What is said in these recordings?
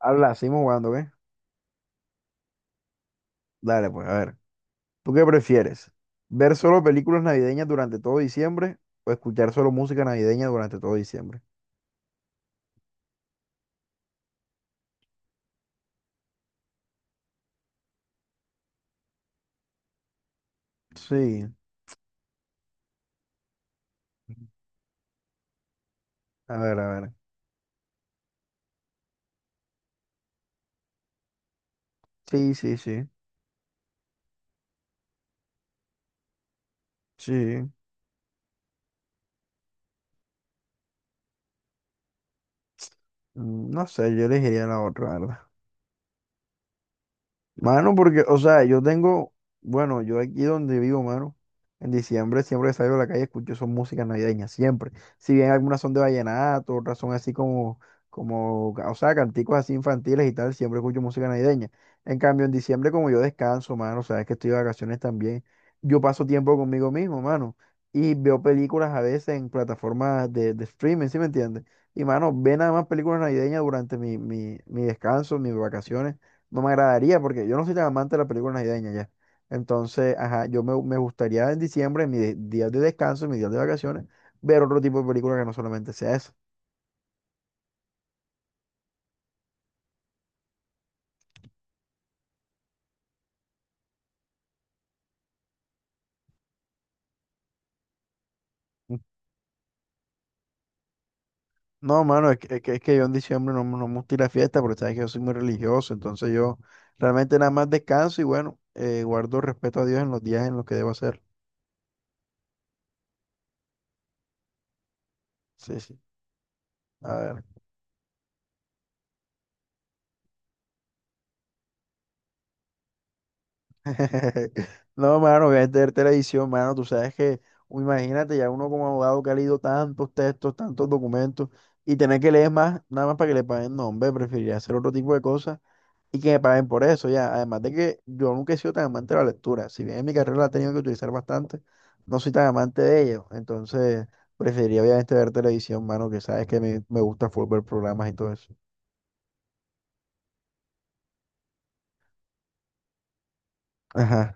Habla, seguimos jugando, ¿qué? Dale, pues, a ver. ¿Tú qué prefieres? ¿Ver solo películas navideñas durante todo diciembre o escuchar solo música navideña durante todo diciembre? Sí, a ver. Sí, sí, sí. Sí. No sé, yo elegiría la otra, la ¿verdad? Mano, porque, o sea, yo tengo, bueno, yo aquí donde vivo, mano, en diciembre siempre que salgo a la calle escucho son músicas navideñas, siempre. Si bien algunas son de vallenato, otras son así como, o sea, canticos así infantiles y tal, siempre escucho música navideña. En cambio, en diciembre como yo descanso, mano, o sea, es que estoy de vacaciones también, yo paso tiempo conmigo mismo, mano, y veo películas a veces en plataformas de streaming, ¿sí me entiendes? Y, mano, ve nada más películas navideñas durante mi descanso, mis vacaciones no me agradaría porque yo no soy tan amante de las películas navideñas ya. Entonces, ajá, yo me gustaría en diciembre, en mis días de descanso, en mis días de vacaciones, ver otro tipo de película que no solamente sea eso. No, mano, es que, es que, es que yo en diciembre no, no me gusta ir a fiesta porque sabes que yo soy muy religioso, entonces yo realmente nada más descanso y bueno, guardo respeto a Dios en los días en los que debo hacer. Sí, sí. A ver. No, mano, obviamente ver televisión, mano. Tú sabes que, imagínate, ya uno como abogado que ha leído tantos textos, tantos documentos, y tener que leer más, nada más para que le paguen. No, hombre, preferiría hacer otro tipo de cosas y que me paguen por eso, ya. Además de que yo nunca he sido tan amante de la lectura. Si bien en mi carrera la he tenido que utilizar bastante, no soy tan amante de ello. Entonces, preferiría obviamente ver televisión, mano, que sabes que me gusta full ver programas y todo eso. Ajá.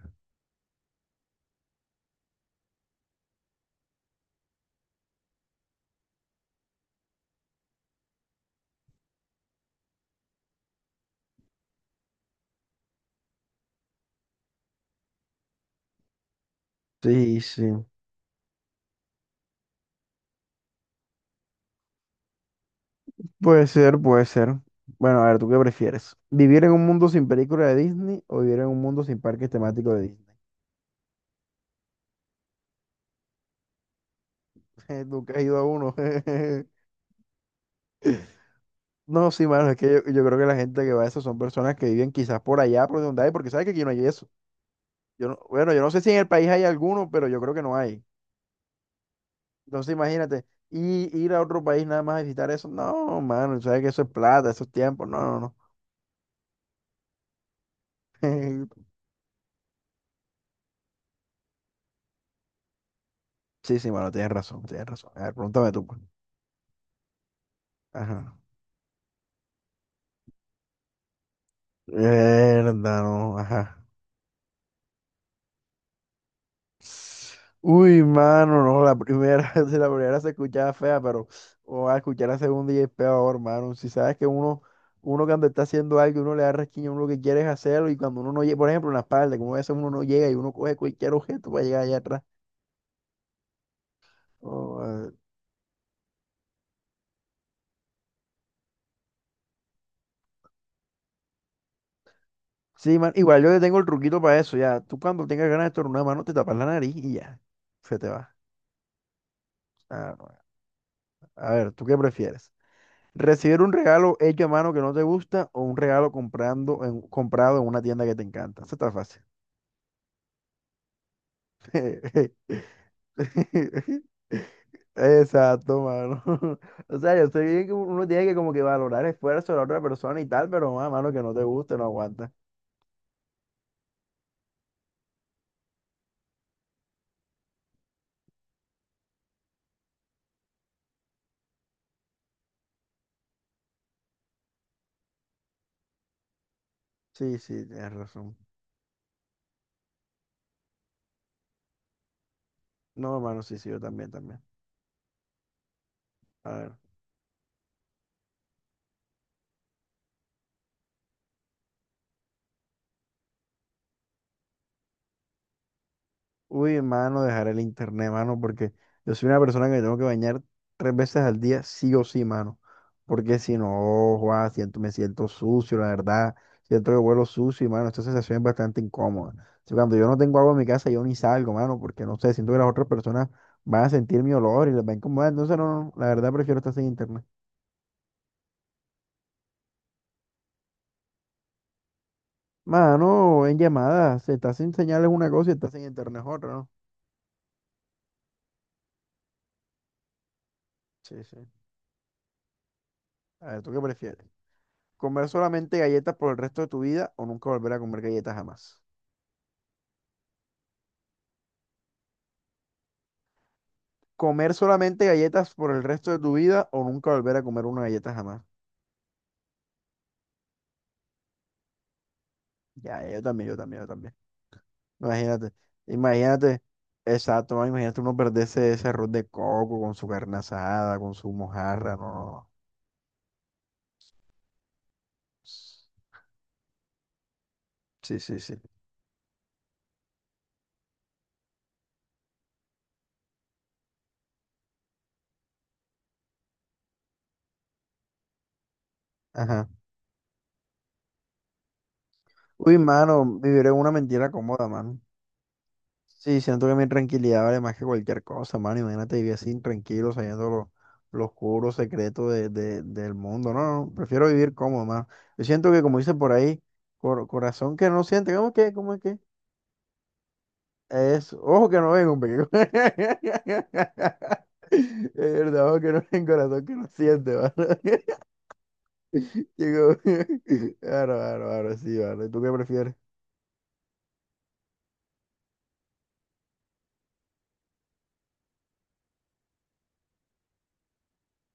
Sí, sí. Puede ser, puede ser. Bueno, a ver, ¿tú qué prefieres? ¿Vivir en un mundo sin película de Disney o vivir en un mundo sin parques temáticos de Disney? Nunca he ido a uno. No, sí, mano, es que yo creo que la gente que va a eso son personas que viven quizás por allá, por donde hay, porque sabes que aquí no hay eso. Yo no, bueno, yo no sé si en el país hay alguno, pero yo creo que no hay. Entonces, imagínate, y ir a otro país nada más a visitar eso. No, mano, sabes que eso es plata, esos tiempos. No, no, no. Sí, sí, mano, tienes razón, tienes razón. A ver, pregúntame tú, pues. Ajá. Mierda, no, ajá. Uy, mano, no, la primera, si la primera se escuchaba fea, pero o a escuchar la segunda y es peor, hermano. Si sabes que uno, uno cuando está haciendo algo, uno le da resquiño, uno lo que quiere es hacerlo, y cuando uno no llega, por ejemplo, en la espalda, como a veces uno no llega y uno coge cualquier objeto para llegar allá atrás. Oh, eh, sí, man, igual yo le tengo el truquito para eso, ya. Tú cuando tengas ganas de estornudar, mano, te tapas la nariz y ya, se te va. Ah, no, a ver, ¿tú qué prefieres? Recibir un regalo hecho a mano que no te gusta o un regalo comprado en una tienda que te encanta. Eso está fácil. Exacto, mano. O sea, yo estoy bien que uno tiene que como que valorar esfuerzo de la otra persona y tal, pero mano, que no te guste, no aguanta. Sí, sí, tienes razón. No, mano, sí, sí, yo también, también. A ver. Uy, mano, dejar el internet, mano, porque yo soy una persona que me tengo que bañar tres veces al día, sí o sí, mano. Porque si no, Juan, siento, me siento sucio, la verdad. Siento que vuelo sucio y, mano, esta sensación es bastante incómoda. O sea, cuando yo no tengo agua en mi casa, yo ni salgo, mano, porque no sé, siento que las otras personas van a sentir mi olor y les va a incomodar. Entonces, no, no, la verdad prefiero estar sin internet. Mano, en llamadas, si estás sin señales una cosa y estás sin internet es otra, ¿no? Sí, sí. A ver, ¿tú qué prefieres? ¿Comer solamente galletas por el resto de tu vida o nunca volver a comer galletas jamás? ¿Comer solamente galletas por el resto de tu vida o nunca volver a comer una galleta jamás? Ya, ya, yo también, yo también, yo también. Imagínate, imagínate, exacto, man, imagínate uno perderse ese arroz de coco con su carne asada, con su mojarra, no, no, no. Sí, sí, sí. Ajá. Uy, mano, vivir en una mentira cómoda, mano. Sí, siento que mi tranquilidad vale más que cualquier cosa, mano. Imagínate vivir así tranquilo, sabiendo lo, los oscuro, secretos del mundo. No, no, prefiero vivir cómodo, mano. Yo siento que, como dice por ahí, corazón que no siente, ¿cómo es que? ¿Cómo es que? Es ojo que no ven, hombre. Es verdad, ojo que no ven, corazón que no siente, mano. Digo, claro, claro, claro, sí, vale. ¿Tú qué prefieres?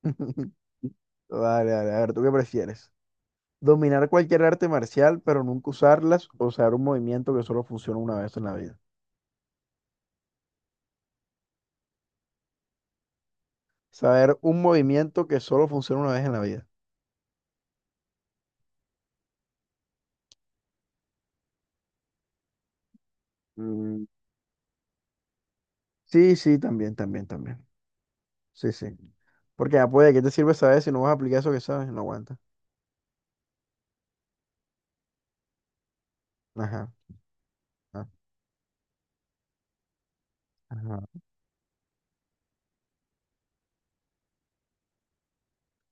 Vale, vale, a ver, ¿tú qué prefieres? Dominar cualquier arte marcial, pero nunca usarlas, o saber un movimiento que solo funciona una vez en la vida. Saber un movimiento que solo funciona una vez en la vida. Mm, Sí, sí, también, también, también. Sí, sí. Porque ya puede, ¿qué te sirve saber si no vas a aplicar eso que sabes? No aguanta. Ajá. Ajá. Ajá.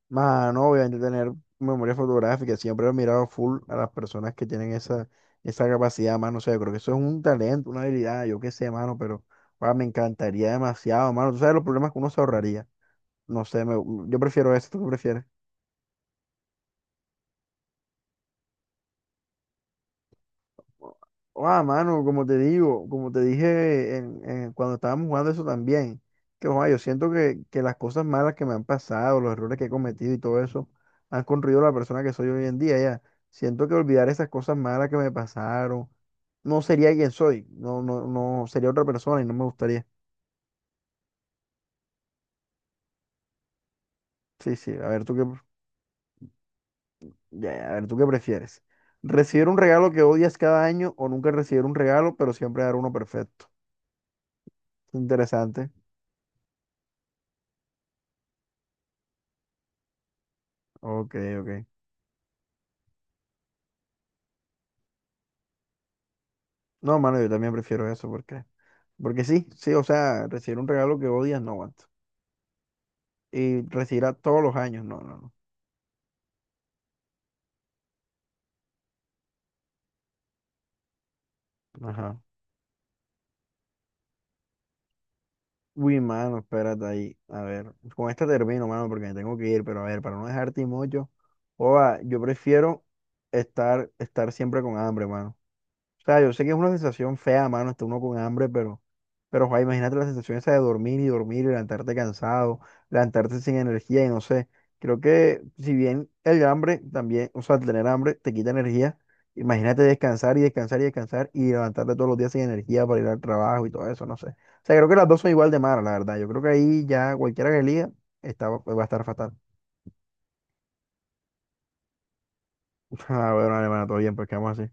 Mano, obviamente tener memoria fotográfica. Siempre he mirado full a las personas que tienen esa, esa capacidad, mano. O sea, yo creo que eso es un talento, una habilidad, yo qué sé, mano, pero ah, me encantaría demasiado, mano. Tú sabes los problemas que uno se ahorraría. No sé, yo prefiero eso, ¿tú qué prefieres? Ah, mano, como te digo, como te dije cuando estábamos jugando eso también, que joa, yo siento que las cosas malas que me han pasado, los errores que he cometido y todo eso, han construido la persona que soy hoy en día, ya. Siento que olvidar esas cosas malas que me pasaron, no sería quien soy, no, no, no, sería otra persona y no me gustaría. Sí, sí, a ver, ¿tú qué, ya, a ver, ¿tú qué prefieres? ¿Recibir un regalo que odias cada año o nunca recibir un regalo, pero siempre dar uno perfecto? Interesante. Ok, ok. No, mano, yo también prefiero eso porque, porque sí, sí, o sea, recibir un regalo que odias no aguanto. Y recibirá todos los años, no, no, no. Ajá. Uy, mano, espérate ahí. A ver, con esta termino, mano, porque me tengo que ir, pero a ver, para no dejarte mucho, oa, yo prefiero estar siempre con hambre, mano. O sea, yo sé que es una sensación fea, mano, está uno con hambre, pero, joder, imagínate la sensación esa de dormir y dormir y levantarte cansado, levantarte sin energía y no sé. Creo que si bien el hambre también, o sea, el tener hambre te quita energía, imagínate descansar y descansar y descansar y levantarte todos los días sin energía para ir al trabajo y todo eso, no sé. O sea, creo que las dos son igual de malas, la verdad. Yo creo que ahí ya cualquiera que elija está, va a estar fatal. Ah, bueno, hermano, todo bien, pues quedamos así.